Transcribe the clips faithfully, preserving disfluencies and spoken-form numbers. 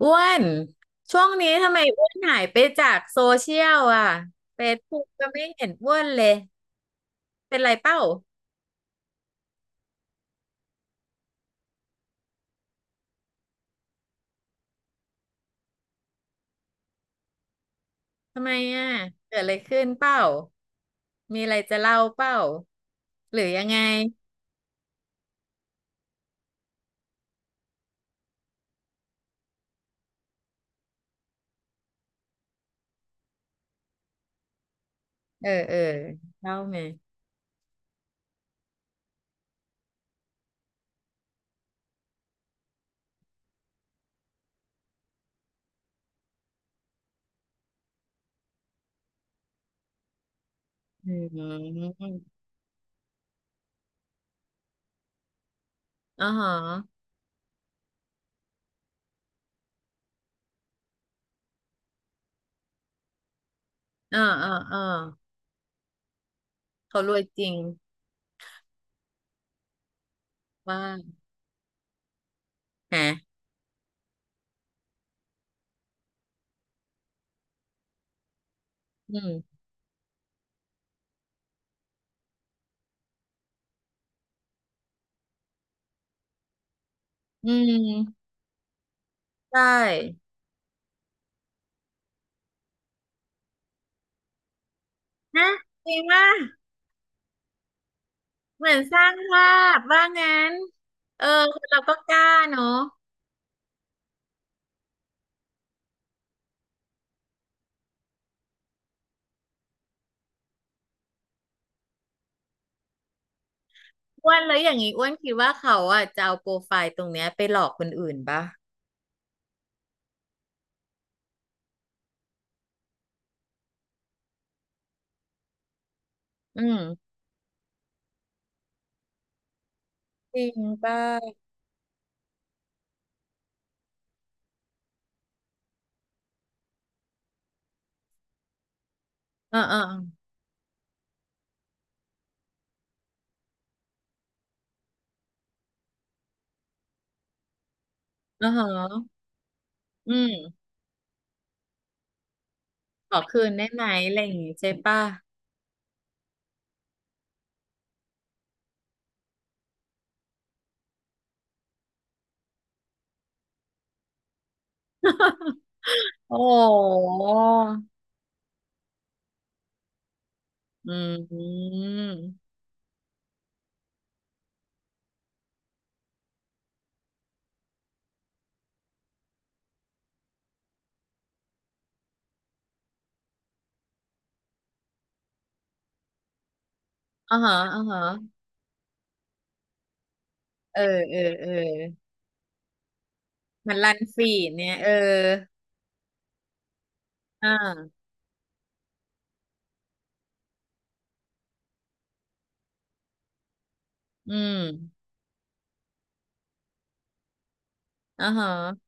อ้วนช่วงนี้ทำไมอ้วนหายไปจากโซเชียลอ่ะเฟซบุ๊กก็ไม่เห็นอ้วนเลยเป็นไรเป้าทำไมอ่ะเกิดอะไรขึ้นเป้ามีอะไรจะเล่าเป้าหรือยังไงเออเออเล่าไหมอืมอ๋อฮะอ๋ออ๋ออ๋อเขารวยจริงว่าฮะอืมอืมใช่นะจริงว่าเหมือนสร้างภาพว่างั้นเออคนเราก็กล้าเนอะ อ้วนแล้วอย่างนี้อ้วนคิดว่าเขาอ่ะจะเอาโปรไฟล์ตรงเนี้ยไปหลอกคนอื่นป่ะอืมจริงป่ะเออเออเออ่าฮะอืมขอคืนได้ไหมอะไรอย่างงี้ใช่ป่ะ โอ้โหอืมอ่าฮะอ่าฮะเออเออเออมันรันฟีดเนี่ยเอออ่าอืมอ่าฮะ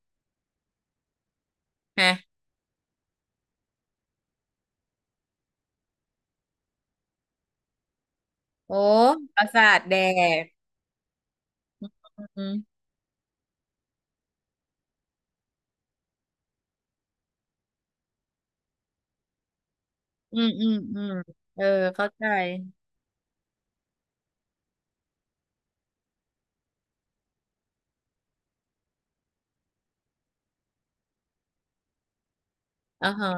ฮะโอ้ประสาทแดกอืมอืมอืมอืมเออเข้าใจอ่าฮะ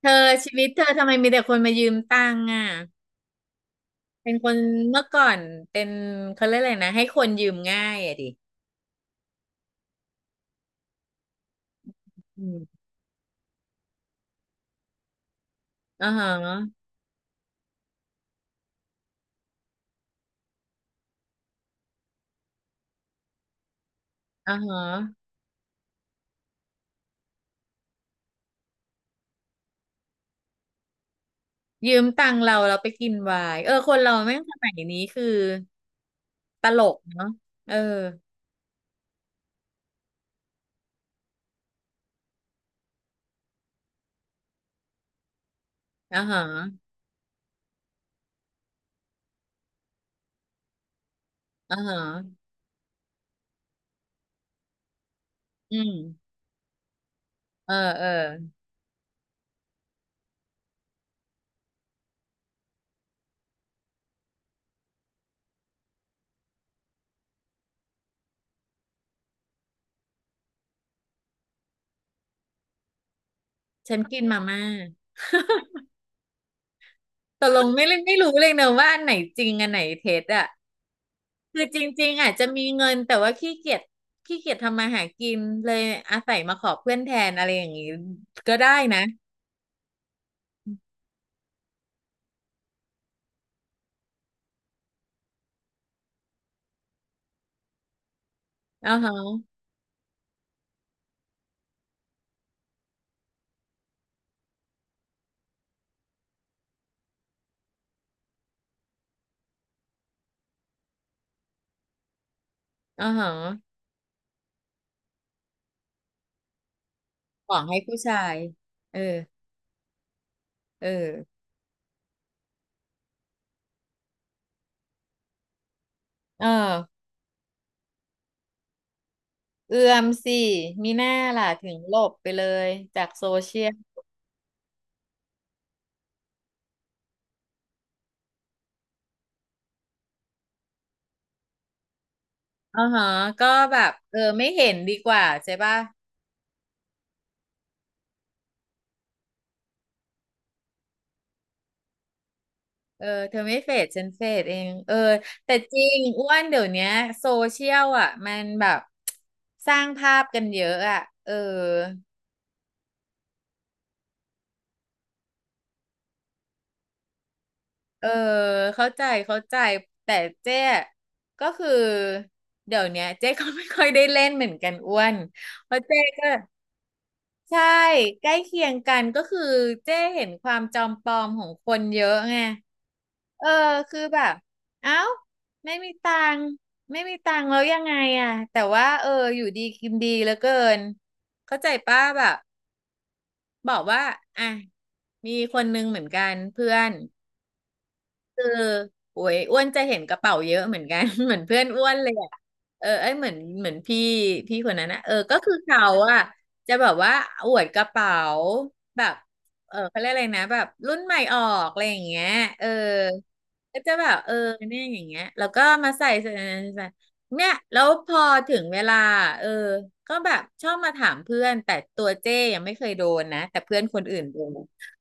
เธอชีวิตเธอทำไมมีแต่คนมายืมตังค์อ่ะเป็นคนเมื่อก่อนเป็นเขาเรียกอะไรนะให้คนยืมง่ายอ่ะดิอืมอ่าฮะอ่าฮะยืมตังค์เราเราไปกินไวน์เออคนเราแม่งสมัยนี้คือตลกเนาะเอออ่าฮะอ่าฮะอืมเออเออฉันกินมาม่าตกลงไม่ไม่รู้เลยเนอะว่าอันไหนจริงอันไหนเท็จอ่ะ คือจริงๆอาจจะมีเงินแต่ว่าขี้เกียจขี้เกียจทำมาหากินเลยอาศัยมาขอเพื่อนแทนอะไรอย่างนี้ก็ได้นะอ๋อฮะอ๋อฮะของให้ผู้ชายเออเออเออเอื้อมสิมีหน้าล่ะถึงหลบไปเลยจากโซเชียลอ๋อฮะก็แบบเออไม่เห็นดีกว่าใช่ป่ะเออเธอไม่เฟดฉันเฟดเองเออแต่จริงอ้วนเดี๋ยวเนี้ยโซเชียลอ่ะมันแบบ สร้างภาพกันเยอะอ่ะเออ เออเข้าใจเข้าใจแต่เจ๊ก็คือเดี๋ยวเนี้ยเจ๊ ก็ไม่ค่อยได้เล่นเหมือนกันอ้วนเพราะเจ๊ก็ใช่ใกล้เคียงกันก็คือเจ๊เห็นความจอมปลอมของคนเยอะไงเออคือแบบเอ้าไม่มีตังค์ไม่มีตังค์แล้วยังไงอ่ะแต่ว่าเอออยู่ดีกินดีเหลือเกินเข้าใจป้าแบบบอกว่าอ่ะมีคนนึงเหมือนกันเพื่อน คือโอ้ยอ้วนจะเห็นกระเป๋าเยอะเหมือนกัน เหมือนเพื่อนอ้วนเลยอะเออไอ้ยเหมือนเหมือนพี่พี่คนนั้นนะเออก็คือเขาอะจะแบบว่าอวดกระเป๋าแบบเออเขาเรียกอะไรนะแบบรุ่นใหม่ออกอะไรอย่างเงี้ยเออก็จะแบบเออเนี่ยอย่างเงี้ยแล้วก็มาใส่ใส่ใส่ใส่เนี่ยแล้วพอถึงเวลาเออก็แบบชอบมาถามเพื่อน แต่ตัวเจ้ยังไม่เคยโดนนะ แต่เพื่อนคนอื่นโดน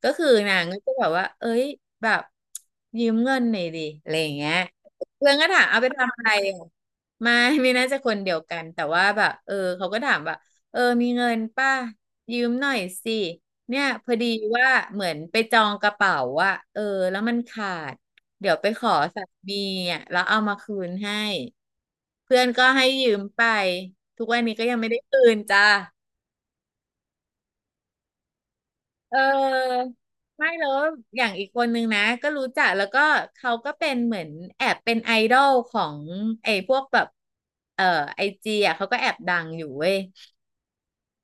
ก็คือนางก็จะแบบว่าเอ้ยแบบยืมเงินหน่อยดิอะไรอย่างเงี้ยเพื่อนก็ถามเอาไปทำอะไรอ่ะไม่ไม่น่าจะคนเดียวกันแต่ว่าแบบเออเขาก็ถามแบบเออมีเงินป่ะยืมหน่อยสิเนี่ยพอดีว่าเหมือนไปจองกระเป๋าอะเออแล้วมันขาดเดี๋ยวไปขอสามีอะแล้วเอามาคืนให้เพื่อนก็ให้ยืมไปทุกวันนี้ก็ยังไม่ได้คืนจ้า เออไม่แล้วอย่างอีกคนนึงนะก็รู้จักแล้วก็เขาก็เป็นเหมือนแอบเป็นไอดอลของไอ้พวกแบบเออไอจีอ่ะเขาก็แอบดังอยู่เว้ย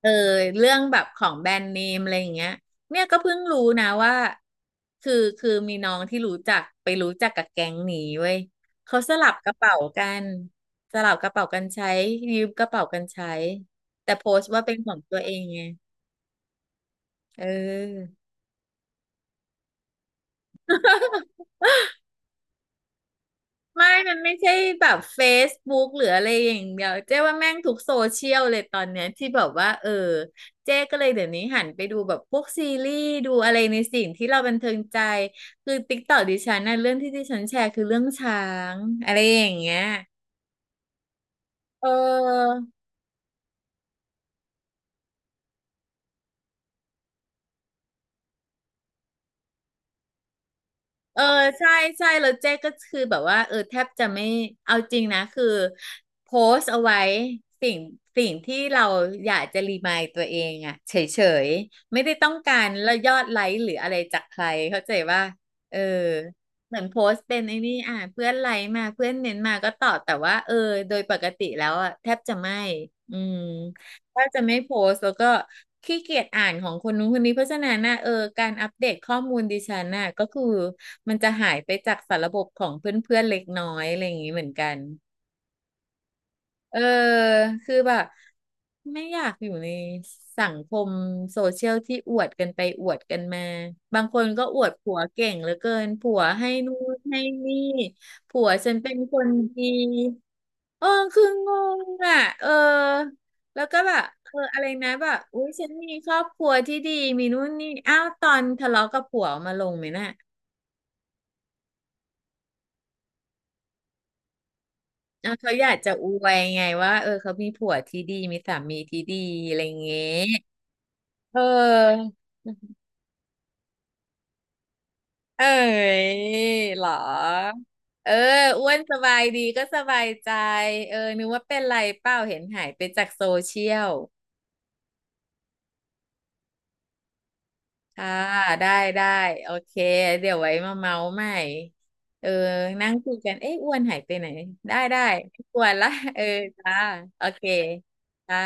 เออเรื่องแบบของแบรนด์เนมอะไรอย่างเงี้ยเนี่ยก็เพิ่งรู้นะว่าคือคือมีน้องที่รู้จักไปรู้จักกับแก๊งนี้เว้ยเขาสลับกระเป๋ากันสลับกระเป๋ากันใช้ยืมกระเป๋ากันใช้แต่โพสต์ว่าเป็นของตัวเองไงเออ ไม่ มันไม่ใช่แบบ Facebook หรืออะไรอย่างเดียวเจ๊ว่าแม่งทุกโซเชียลเลยตอนเนี้ยที่แบบว่าเออเจ๊ก็เลยเดี๋ยวนี้หันไปดูแบบพวกซีรีส์ดูอะไรในสิ่งที่เราบันเทิงใจคือ TikTok ดิฉันนะเรื่องที่ดิฉันแชร์คือเรื่องช้างอะไรอย่างเงี้ยเออ เออใช่ใช่แล้วเจ๊ก็คือแบบว่าเออแทบจะไม่เอาจริงนะคือโพสต์เอาไว้สิ่งสิ่งที่เราอยากจะรีมายตัวเองอะเฉยๆไม่ได้ต้องการแล้วยอดไลค์หรืออะไรจากใครเข้าใจว่าเออเหมือนโพสต์เป็นไอ้นี่อ่ะเพื่อนไลค์มาเพื่อนเน้นมาก็ตอบแต่ว่าเออโดยปกติแล้วอะแทบจะไม่อืม ก็จะไม่โพสต์แล้วก็ขี้เกียจอ่านของคนนู้นคนนี้เพราะฉะนั้นนะเออการอัปเดตข้อมูลดิฉันน่ะก็คือมันจะหายไปจากสารบบของเพื่อนๆเล็กน้อยอะไรอย่างนี้เหมือนกันเออคือแบบไม่อยากอยู่ในสังคมโซเชียลที่อวดกันไปอวดกันมาบางคนก็อวดผัวเก่งเหลือเกินผัวให้นู่นให้นี่ผัวฉันเป็นคนดี เออคืองงอ่ะเออแล้วก็แบบเอออะไรนะแบบอุ้ยฉันมีครอบครัวที่ดีมีนู่นนี่อ้าวตอนทะเลาะกับผัวเอามาลงไหมน่ะอะเขาอยากจะอวยไงว่าเออเขามีผัวที่ดีมีสามีที่ดีอะไรเงี้ยเออเอ้ยเหรอเอออ้วนสบายดีก็สบายใจเออนึกว่าเป็นไรเปล่าเห็นหายไปจากโซเชียล ค่ะได้ได้โอเคเดี๋ยวไว้มาเมาใหม่เออนั่งคุยกันเอ๊ะอ้วนหายไปไหนได้ได้ไม่กวนละ เออจ้าโอเคจ้า